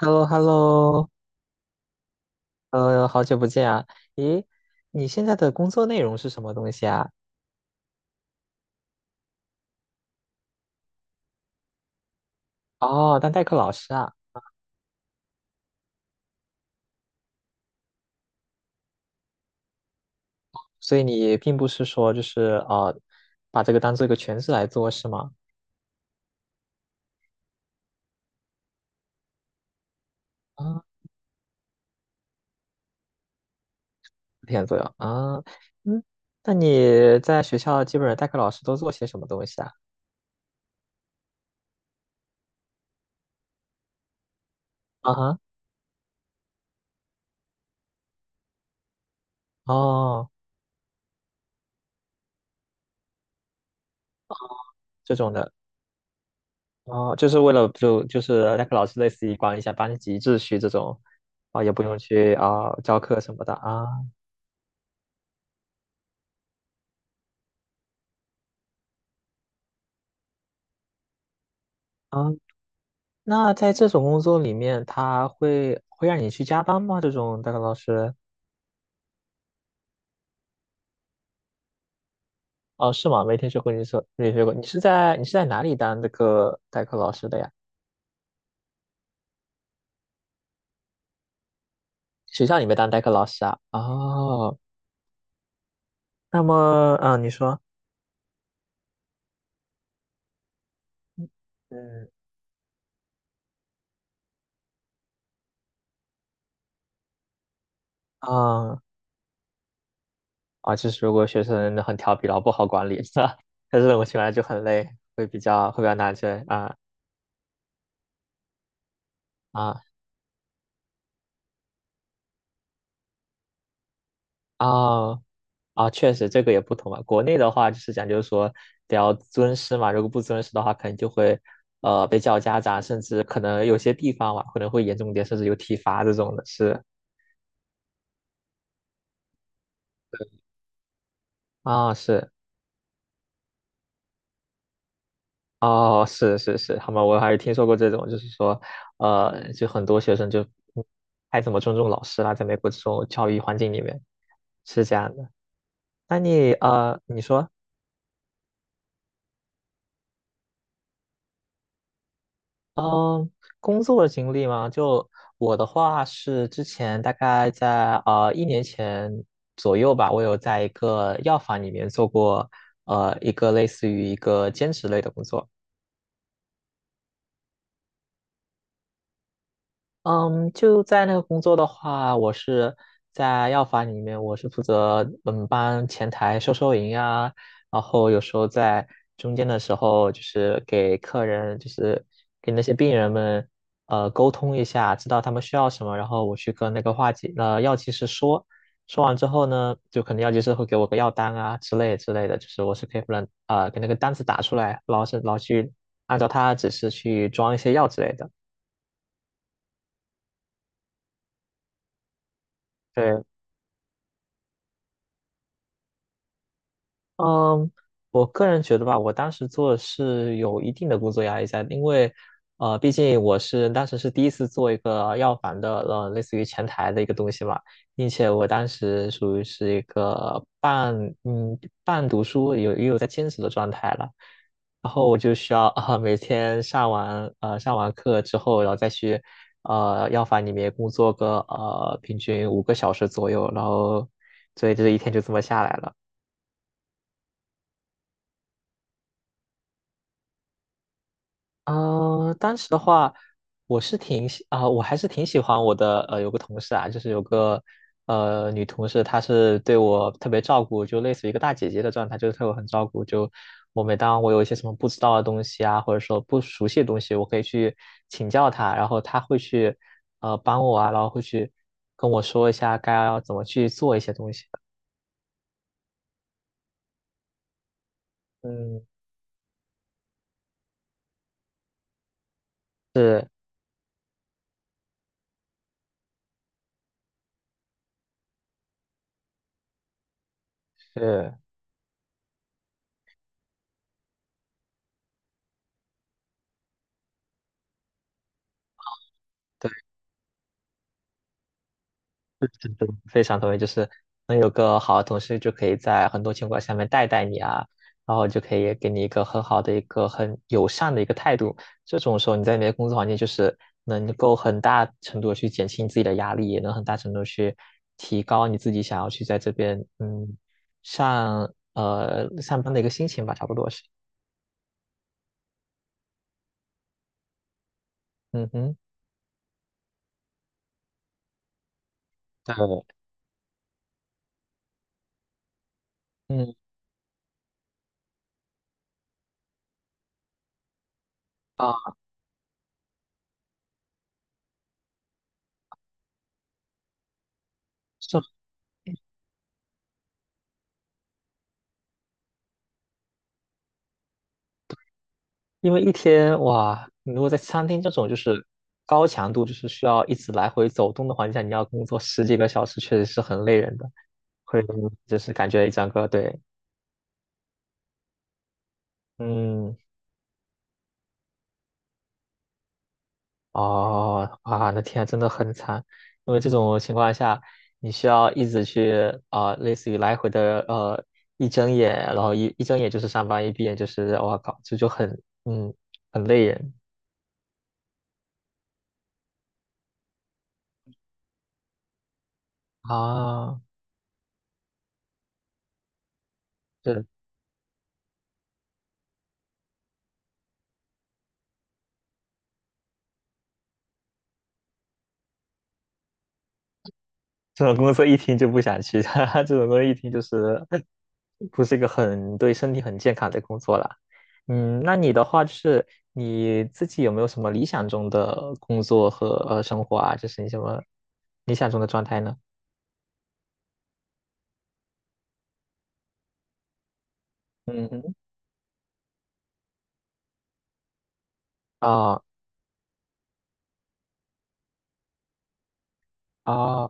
h e l l o h e l l o 好久不见啊！咦，你现在的工作内容是什么东西啊？哦，当代课老师啊。所以你并不是说就是把这个当做一个全职来做是吗？啊，四天左右啊。嗯，那你在学校基本上代课老师都做些什么东西啊？啊哈。哦，这种的。哦，就是为了就是代课老师类似于管理一下班级秩序这种，啊、也不用去啊、教课什么的啊。那在这种工作里面，他会让你去加班吗？这种代课老师？哦，是吗？没听说过你说没听说过，你是在哪里当这个代课老师的呀？学校里面当代课老师啊？哦，那么你说嗯啊，就是如果学生很调皮，然后不好管理，是吧？但是我起来就很累，会比较难追啊。啊啊！哦啊，确实这个也不同嘛。国内的话就是讲究说得要尊师嘛，如果不尊师的话，可能就会被叫家长，甚至可能有些地方嘛，可能会严重一点，甚至有体罚这种的。是啊，是哦，是是是，好吗？我还是听说过这种，就是说就很多学生就不太怎么尊重老师啦，在美国这种教育环境里面是这样的。那你你说。嗯，工作的经历吗？就我的话是之前大概在一年前左右吧，我有在一个药房里面做过一个类似于一个兼职类的工作。嗯，就在那个工作的话，我是在药房里面。我是负责班前台收银啊，然后有时候在中间的时候，就是给客人，就是给那些病人们沟通一下，知道他们需要什么，然后我去跟那个药剂师说。说完之后呢，就可能药剂师会给我个药单啊之类的，就是我是可以不能给那个单子打出来，然后去按照他的指示去装一些药之类的。对。嗯，我个人觉得吧，我当时做的是有一定的工作压力在，因为毕竟我是当时是第一次做一个药房的类似于前台的一个东西嘛，并且我当时属于是一个半嗯半读书，也有在兼职的状态了。然后我就需要啊、每天上完课之后，然后再去药房里面工作个平均5个小时左右，然后所以这一天就这么下来了。当时的话，我还是挺喜欢我的有个同事啊，就是有个女同事，她是对我特别照顾，就类似于一个大姐姐的状态，就是对我很照顾。就我每当我有一些什么不知道的东西啊，或者说不熟悉的东西，我可以去请教她，然后她会去帮我啊，然后会去跟我说一下该要怎么去做一些东西。嗯，是是。对。非常同意，就是能有个好的同事，就可以在很多情况下面带带你啊，然后就可以给你一个很好的一个很友善的一个态度。这种时候你在你的工作环境就是能够很大程度地去减轻自己的压力，也能很大程度去提高你自己想要去在这边上班的一个心情吧，差不多是。嗯哼，对，嗯。啊，因为一天哇，你如果在餐厅这种就是高强度，就是需要一直来回走动的环境下，你要工作十几个小时，确实是很累人的，会就是感觉一整个。对，嗯。哦，啊，那天啊真的很惨，因为这种情况下，你需要一直去啊、类似于来回的一睁眼，然后一睁眼就是上班，一闭眼就是我靠，这就嗯很累人啊。对。这种工作一听就不想去，哈哈！这种工作一听就是不是一个很对身体很健康的工作啦。嗯，那你的话就是你自己有没有什么理想中的工作和生活啊？就是你什么理想中的状态呢？嗯哼。啊啊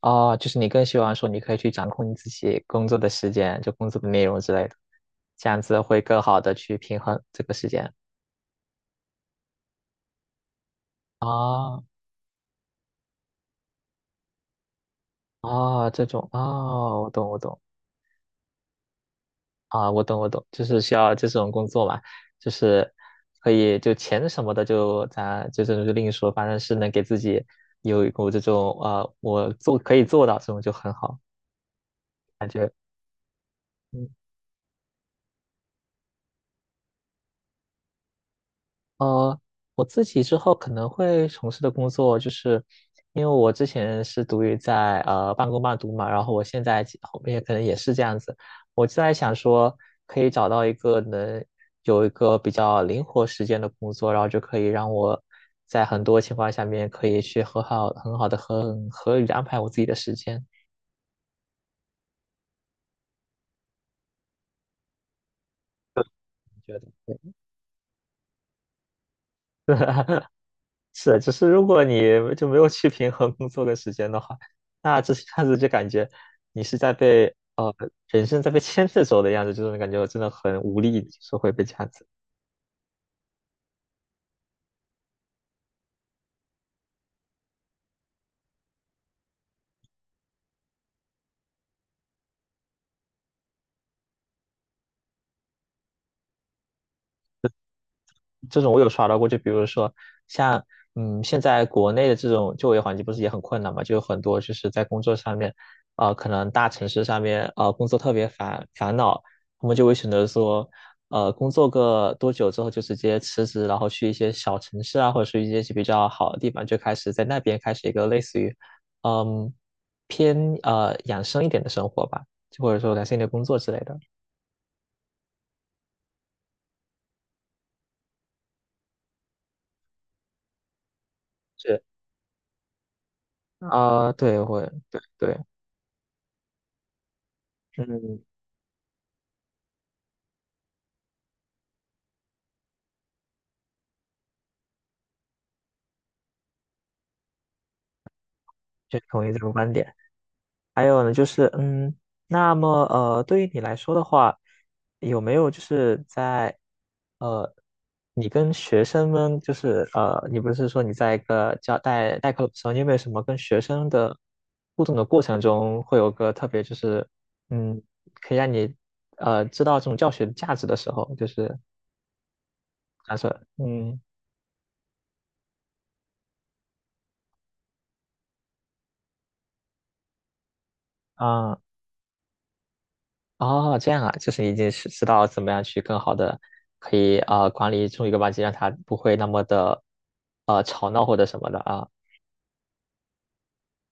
啊，就是你更希望说你可以去掌控你自己工作的时间，就工作的内容之类的，这样子会更好的去平衡这个时间。啊啊，这种啊，我懂我懂。啊，我懂我懂，就是需要这种工作嘛，就是可以就钱什么的就咱就这种就另说，反正是能给自己有一股这种啊，我做可以做到这种就很好感觉。嗯呃，我自己之后可能会从事的工作，就是因为我之前是读于在半工半读嘛，然后我现在其后面可能也是这样子，我就在想说，可以找到一个能有一个比较灵活时间的工作，然后就可以让我在很多情况下面可以去很好很好的很合理的安排我自己的时间，你觉得？是，只是如果你就没有去平衡工作的时间的话，那这下子就感觉你是在被人生在被牵着走的样子，就是感觉我真的很无力，就是会被这样子。这种我有刷到过。就比如说像嗯，现在国内的这种就业环境不是也很困难嘛，就有很多就是在工作上面，啊、可能大城市上面啊、工作特别烦恼，他们就会选择说工作个多久之后就直接辞职，然后去一些小城市啊，或者是一些比较好的地方，就开始在那边开始一个类似于嗯偏养生一点的生活吧，就或者说养生一点的工作之类的。是，嗯啊、对，会，对对，嗯。就同意这种观点。还有呢，就是嗯，那么对于你来说的话，有没有就是在呃，你跟学生们就是你不是说你在一个教代课的时候，你有没有什么跟学生的互动的过程中，会有个特别就是嗯，可以让你知道这种教学的价值的时候，就是假设啊。哦，这样啊，就是你已经是知道怎么样去更好的可以啊管理住一个班级，让他不会那么的吵闹或者什么的啊。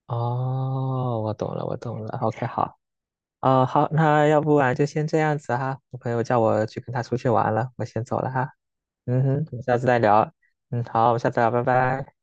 哦，我懂了，我懂了。OK，好。啊、好，那要不然就先这样子哈。我朋友叫我去跟他出去玩了，我先走了哈。嗯哼，我们下次再聊。嗯，好，我们下次聊，拜拜。